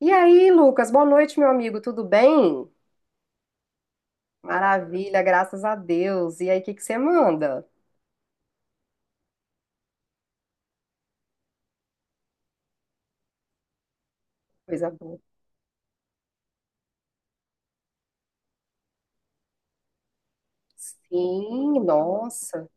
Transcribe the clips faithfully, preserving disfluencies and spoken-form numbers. E aí, Lucas, boa noite, meu amigo, tudo bem? Maravilha, graças a Deus. E aí, o que que você manda? Coisa boa. Sim, nossa.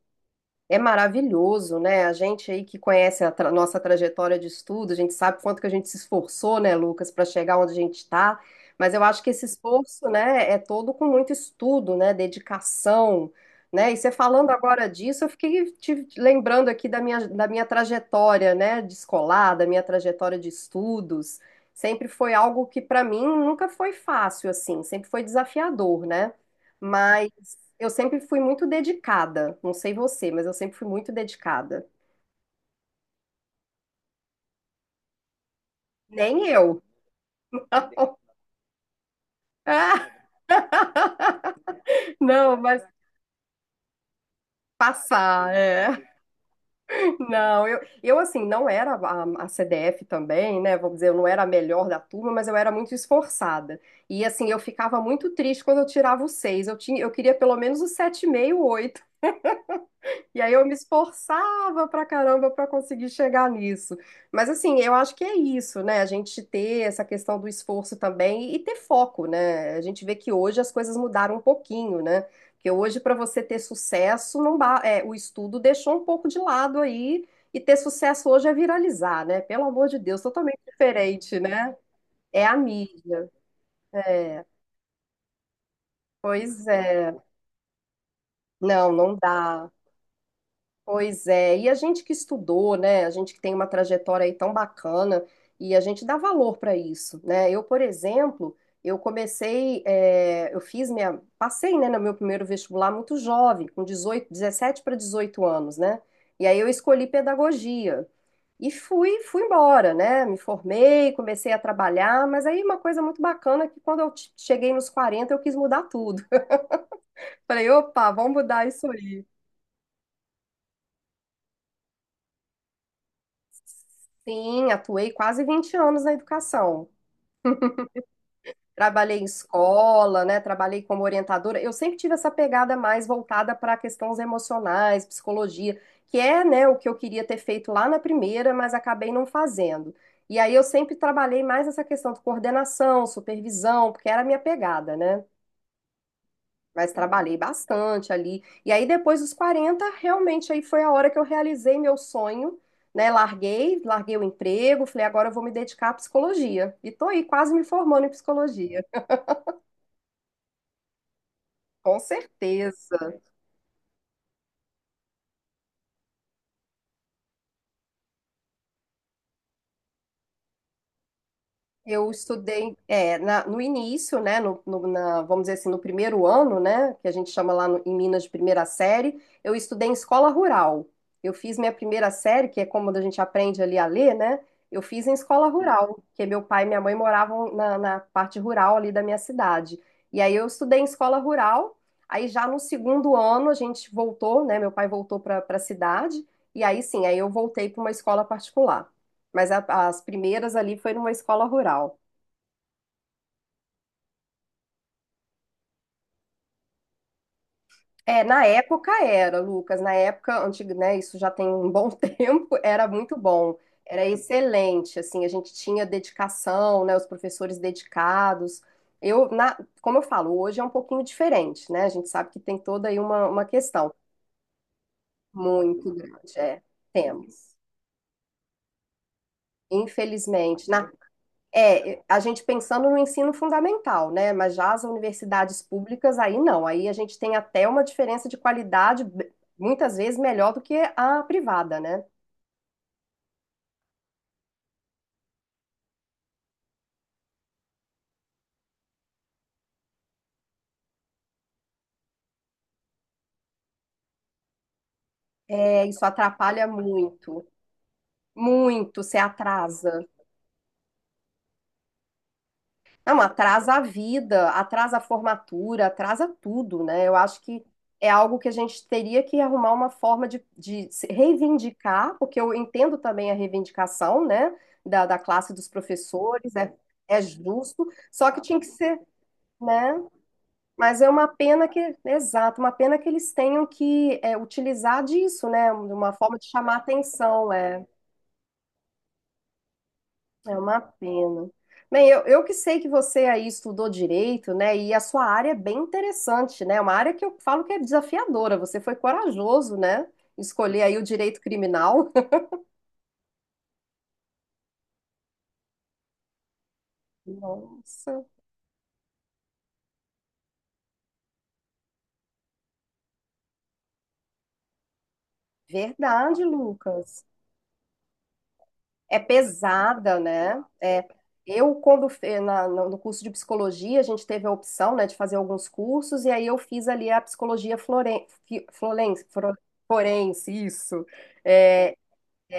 É maravilhoso, né? A gente aí que conhece a tra- nossa trajetória de estudo, a gente sabe quanto que a gente se esforçou, né, Lucas, para chegar onde a gente está. Mas eu acho que esse esforço, né, é todo com muito estudo, né, dedicação, né? E você falando agora disso, eu fiquei te lembrando aqui da minha, da minha trajetória, né, de escolar, da minha trajetória de estudos. Sempre foi algo que para mim nunca foi fácil, assim, sempre foi desafiador, né? Mas eu sempre fui muito dedicada. Não sei você, mas eu sempre fui muito dedicada. Nem eu. Não. Ah, não, mas passar, é. Não, eu, eu assim, não era a, a C D F também, né? Vamos dizer, eu não era a melhor da turma, mas eu era muito esforçada. E assim, eu ficava muito triste quando eu tirava o seis. Eu tinha, eu queria pelo menos o sete e meio, oito. E aí eu me esforçava pra caramba pra conseguir chegar nisso. Mas assim, eu acho que é isso, né? A gente ter essa questão do esforço também e ter foco, né? A gente vê que hoje as coisas mudaram um pouquinho, né? Porque hoje para você ter sucesso, não ba- é, o estudo deixou um pouco de lado aí e ter sucesso hoje é viralizar, né? Pelo amor de Deus, totalmente diferente, né? É a mídia. É. Pois é. Não, não dá. Pois é, e a gente que estudou, né? A gente que tem uma trajetória aí tão bacana e a gente dá valor para isso, né? Eu, por exemplo, eu comecei, é, eu fiz minha, passei, né, no meu primeiro vestibular muito jovem, com dezoito dezessete para dezoito anos, né? E aí eu escolhi pedagogia e fui, fui embora, né? Me formei, comecei a trabalhar, mas aí uma coisa muito bacana é que quando eu t- cheguei nos quarenta eu quis mudar tudo. Falei, opa, vamos mudar isso aí. Sim, atuei quase vinte anos na educação. Trabalhei em escola, né? Trabalhei como orientadora. Eu sempre tive essa pegada mais voltada para questões emocionais, psicologia, que é, né, o que eu queria ter feito lá na primeira, mas acabei não fazendo. E aí eu sempre trabalhei mais essa questão de coordenação, supervisão, porque era a minha pegada, né? Mas trabalhei bastante ali. E aí, depois dos quarenta realmente aí foi a hora que eu realizei meu sonho, né? Larguei, larguei o emprego, falei, agora eu vou me dedicar à psicologia. E tô aí quase me formando em psicologia. Com certeza. Eu estudei é, na- no início, né, no, no- na- vamos dizer assim, no primeiro ano, né, que a gente chama lá no- em Minas de primeira série, eu estudei em escola rural. Eu fiz minha primeira série, que é como a gente aprende ali a ler, né? Eu fiz em escola rural, porque meu pai e minha mãe moravam na, na parte rural ali da minha cidade. E aí eu estudei em escola rural. Aí já no segundo ano a gente voltou, né? Meu pai voltou para a cidade. E aí sim, aí eu voltei para uma escola particular. Mas a- as primeiras ali foi numa escola rural. É, na época era, Lucas, na época antiga, né, isso já tem um bom tempo, era muito bom, era excelente, assim, a gente tinha dedicação, né, os professores dedicados. Eu, na, como eu falo, hoje é um pouquinho diferente, né? A gente sabe que tem toda aí uma, uma questão muito grande, é, temos. Infelizmente, na é, a gente pensando no ensino fundamental, né? Mas já as universidades públicas, aí não. Aí a gente tem até uma diferença de qualidade, b- muitas vezes melhor do que a privada, né? É, isso atrapalha muito, muito, se atrasa. Não, atrasa a vida, atrasa a formatura, atrasa tudo, né? Eu acho que é algo que a gente teria que arrumar uma forma de, de se reivindicar, porque eu entendo também a reivindicação, né, da, da classe dos professores, é, é, justo, só que tinha que ser, né? Mas é uma pena que, exato, uma pena que eles tenham que é, utilizar disso, né? Uma forma de chamar atenção, é. É uma pena. Bem, eu, eu que sei que você aí estudou direito, né? E a sua área é bem interessante, né? É uma área que eu falo que é desafiadora. Você foi corajoso, né? Escolher aí o direito criminal. Nossa, verdade, Lucas. É pesada, né? É, eu, quando fe- na- no no curso de psicologia, a gente teve a opção, né, de fazer alguns cursos, e aí eu fiz ali a psicologia floren, fi- floren, fro- forense, isso. É,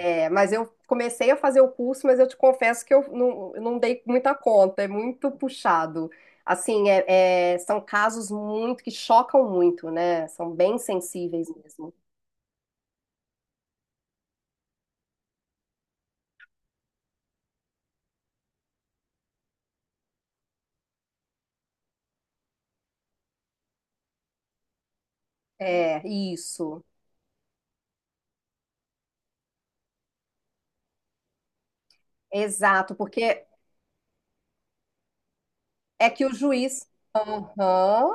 é, mas eu comecei a fazer o curso, mas eu te confesso que eu não, eu não dei muita conta, é muito puxado. Assim, é- é, são casos muito que chocam muito, né? São bem sensíveis mesmo. É, isso, exato, porque é que o juiz. Aham,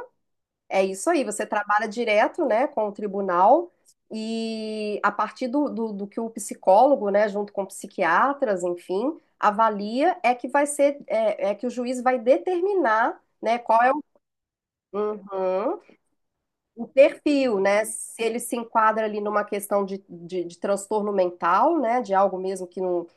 é isso aí, você trabalha direto, né, com o tribunal, e a partir do, do, do que o psicólogo, né, junto com psiquiatras, enfim, avalia, é que vai ser, é é que o juiz vai determinar né, qual é. Uhum. O perfil, né? Se ele se enquadra ali numa questão de, de, de transtorno mental, né? De algo mesmo que não.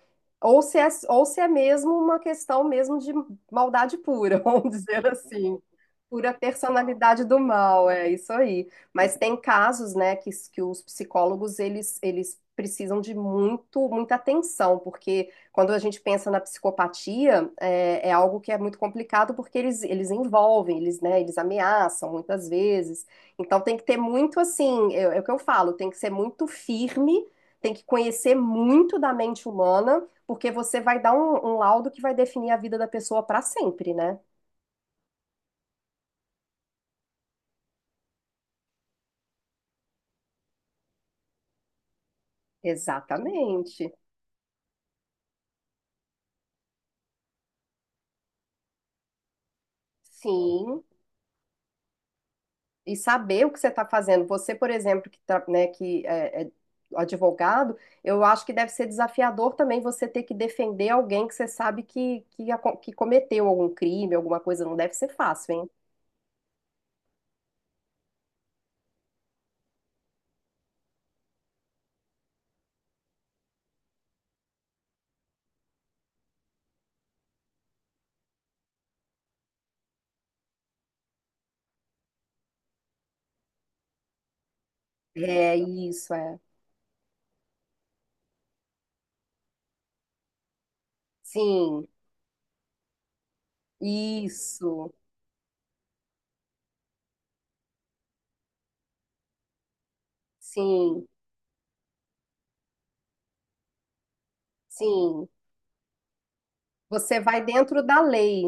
Ou se é, ou se é mesmo uma questão mesmo de maldade pura, vamos dizer assim. Pura personalidade do mal, é isso aí. Mas tem casos, né, que, s- que os psicólogos, eles, eles precisam de muito, muita atenção, porque quando a gente pensa na psicopatia, é, é algo que é muito complicado, porque eles, eles envolvem, eles, né, eles ameaçam muitas vezes. Então tem que ter muito, assim, é, é o que eu falo, tem que ser muito firme, tem que conhecer muito da mente humana, porque você vai dar um, um laudo que vai definir a vida da pessoa para sempre, né? Exatamente. Sim, e saber o que você está fazendo. Você, por exemplo, que, tá, né, que é, é advogado, eu acho que deve ser desafiador também você ter que defender alguém que você sabe que, que, aco- que cometeu algum crime, alguma coisa. Não deve ser fácil, hein? É isso, é. Sim, isso, sim, sim. Você vai dentro da lei,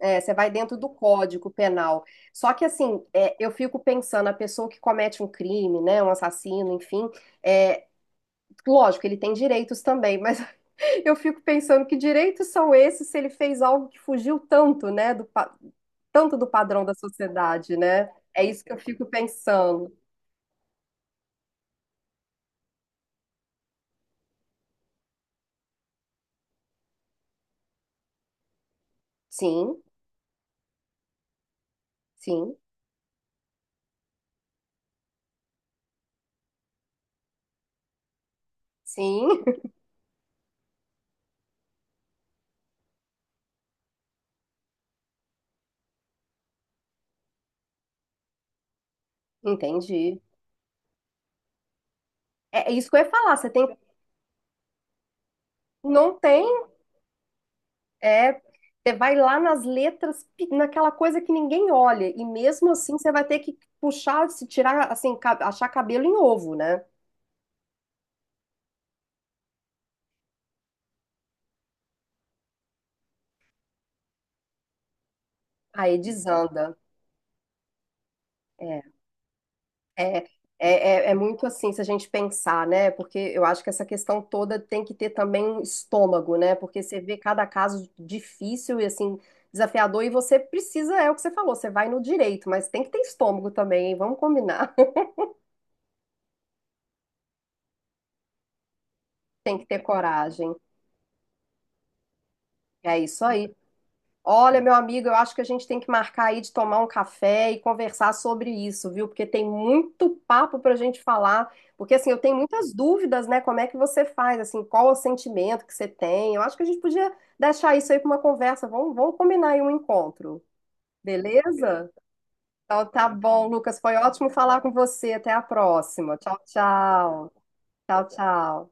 é, você vai dentro do Código Penal. Só que assim, é, eu fico pensando, a pessoa que comete um crime, né, um assassino, enfim, é, lógico, ele tem direitos também, mas eu fico pensando que direitos são esses se ele fez algo que fugiu tanto, né, do pa- tanto do padrão da sociedade, né? É isso que eu fico pensando. Sim, sim, sim, entendi. É, é isso que eu ia falar, você tem, não tem, é, você vai lá nas letras, pi- naquela coisa que ninguém olha, e mesmo assim você vai ter que puxar, se tirar, assim, ca- achar cabelo em ovo, né? Aí desanda. É. É, é, é, é muito assim, se a gente pensar, né? Porque eu acho que essa questão toda tem que ter também um estômago, né? Porque você vê cada caso difícil e assim, desafiador, e você precisa, é o que você falou, você vai no direito, mas tem que ter estômago também, hein? Vamos combinar. Tem que ter coragem. É isso aí. Olha, meu amigo, eu acho que a gente tem que marcar aí de tomar um café e conversar sobre isso, viu? Porque tem muito papo para a gente falar. Porque, assim, eu tenho muitas dúvidas, né? Como é que você faz, assim, qual o sentimento que você tem? Eu acho que a gente podia deixar isso aí para uma conversa. Vamos, vamos combinar aí um encontro, beleza? Então, tá bom, Lucas. Foi ótimo falar com você. Até a próxima. Tchau, tchau. Tchau, tchau.